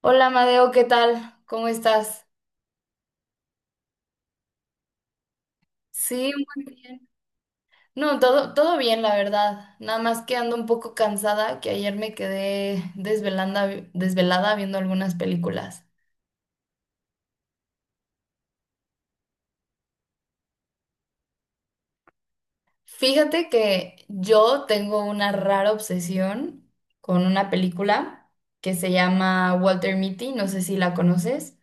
Hola, Madeo, ¿qué tal? ¿Cómo estás? Sí, muy bien. No, todo bien, la verdad. Nada más que ando un poco cansada, que ayer me quedé desvelanda, desvelada viendo algunas películas. Fíjate que yo tengo una rara obsesión con una película que se llama Walter Mitty, no sé si la conoces.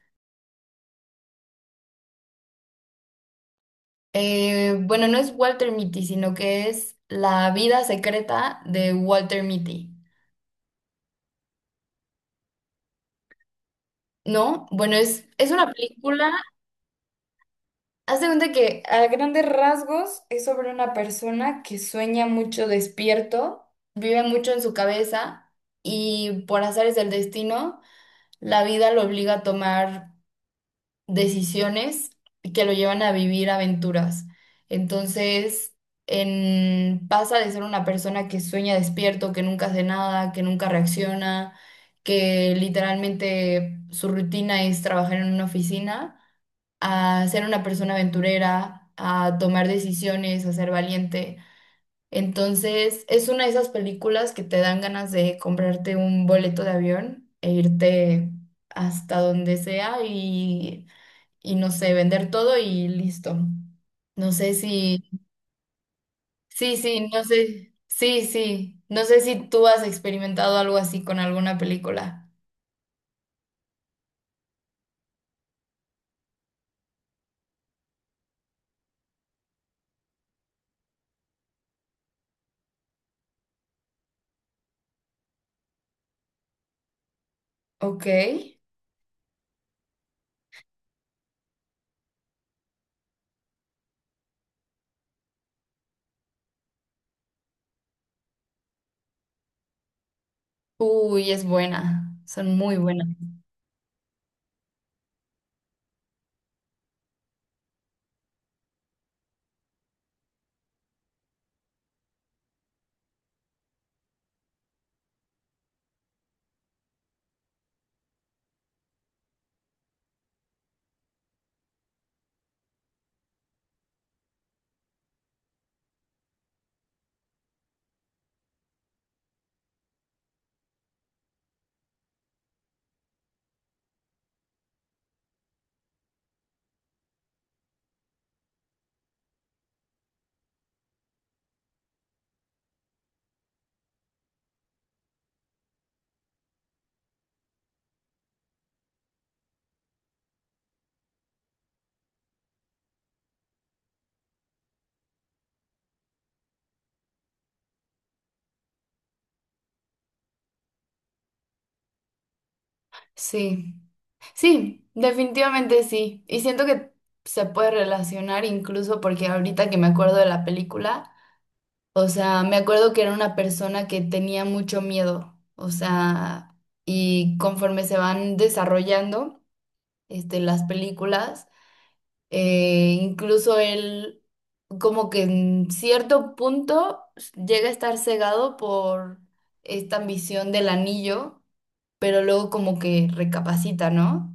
Bueno, no es Walter Mitty, sino que es La vida secreta de Walter Mitty. ¿No? Bueno, es una película. Haz de cuenta que a grandes rasgos es sobre una persona que sueña mucho despierto, vive mucho en su cabeza y, por azares del destino, la vida lo obliga a tomar decisiones que lo llevan a vivir aventuras. Entonces, pasa de ser una persona que sueña despierto, que nunca hace nada, que nunca reacciona, que literalmente su rutina es trabajar en una oficina, a ser una persona aventurera, a tomar decisiones, a ser valiente. Entonces, es una de esas películas que te dan ganas de comprarte un boleto de avión e irte hasta donde sea y no sé, vender todo y listo. No sé si, sí, sí, no sé, sí, sí, no sé si tú has experimentado algo así con alguna película. Ok. Uy, es buena, son muy buenas. Sí. Sí, definitivamente sí. Y siento que se puede relacionar incluso porque ahorita que me acuerdo de la película, o sea, me acuerdo que era una persona que tenía mucho miedo, o sea, y conforme se van desarrollando, este, las películas, incluso él como que en cierto punto llega a estar cegado por esta ambición del anillo, pero luego como que recapacita, ¿no?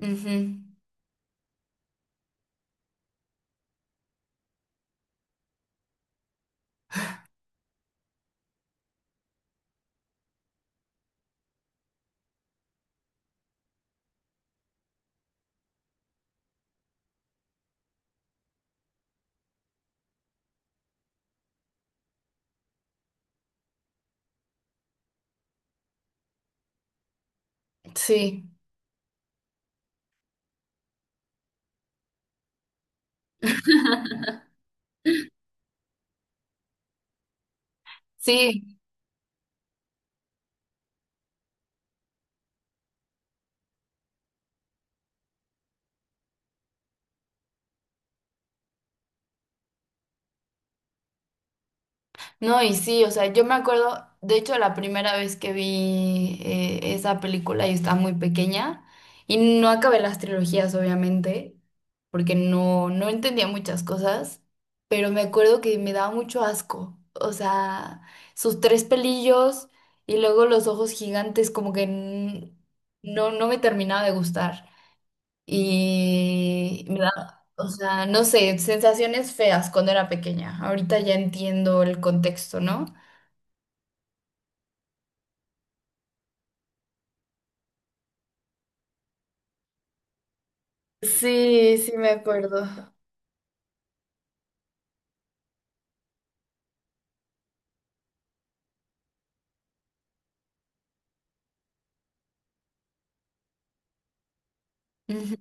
Ujú. Sí, sí, no, y sí, o sea, yo me acuerdo, de hecho, la primera vez que vi esa película, yo estaba muy pequeña y no acabé las trilogías, obviamente, porque no, no entendía muchas cosas, pero me acuerdo que me daba mucho asco, o sea, sus tres pelillos y luego los ojos gigantes, como que no, no me terminaba de gustar. Y me da, o sea, no sé, sensaciones feas cuando era pequeña. Ahorita ya entiendo el contexto, ¿no? Sí, sí me acuerdo. Ujú.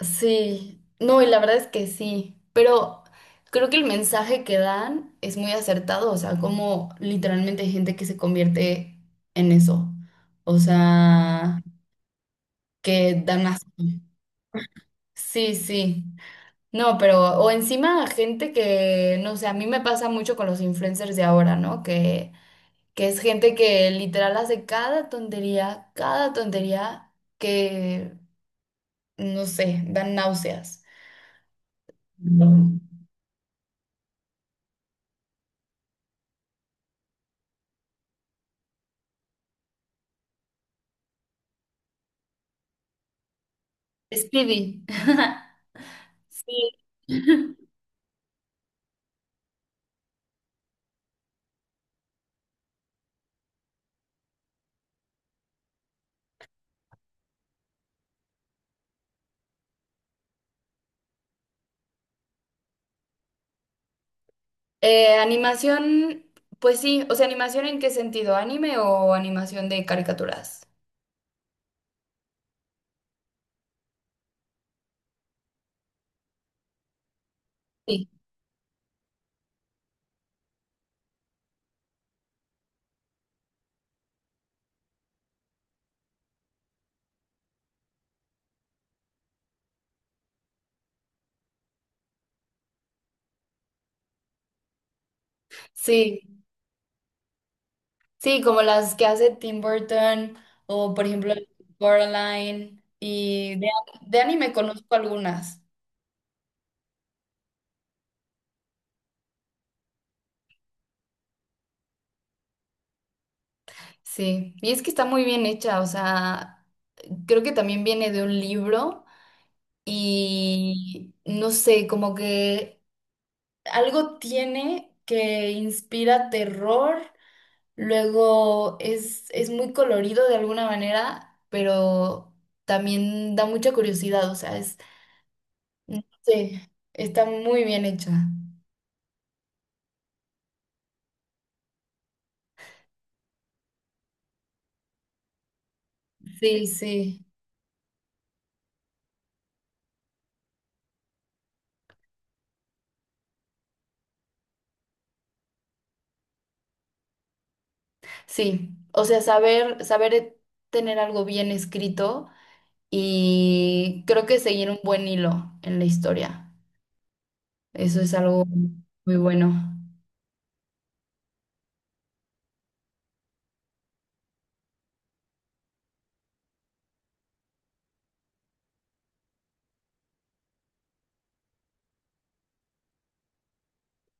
Sí, no, y la verdad es que sí, pero creo que el mensaje que dan es muy acertado, o sea, como literalmente hay gente que se convierte en eso, o sea, que dan así. Sí, sí. No, pero, o encima gente que, no sé, a mí me pasa mucho con los influencers de ahora, ¿no? Que es gente que literal hace cada tontería que, no sé, dan náuseas. Mm. Speedy. Sí. Animación, pues sí, o sea, animación en qué sentido, ¿anime o animación de caricaturas? Sí. Sí. Sí, como las que hace Tim Burton o por ejemplo. Sí. Coraline y de anime conozco algunas. Sí, y es que está muy bien hecha, o sea, creo que también viene de un libro y no sé, como que algo tiene que inspira terror, luego es muy colorido de alguna manera, pero también da mucha curiosidad, o sea, es, no sé, está muy bien hecha. Sí, sí, sí. O sea, saber, tener algo bien escrito y creo que seguir un buen hilo en la historia. Eso es algo muy bueno.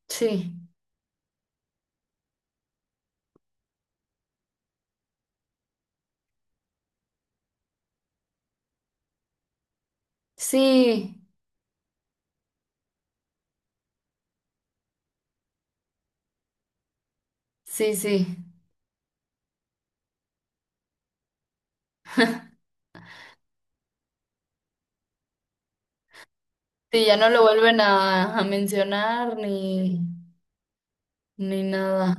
Sí, sí, sí, sí. Sí, ya no lo vuelven a mencionar ni, ni nada.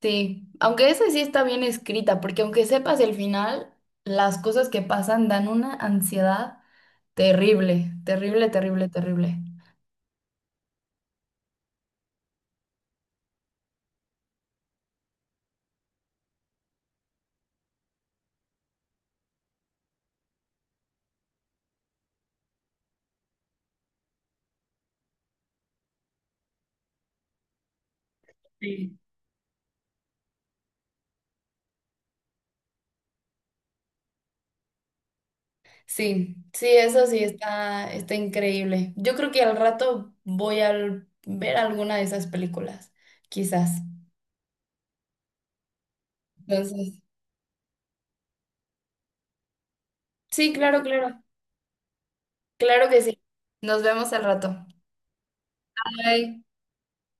Sí, aunque esa sí está bien escrita, porque aunque sepas el final, las cosas que pasan dan una ansiedad terrible, terrible, terrible, terrible. Sí. Sí, sí, eso sí está, está increíble. Yo creo que al rato voy a ver alguna de esas películas, quizás. Entonces, sí, claro, claro, claro que sí. Nos vemos al rato. Bye.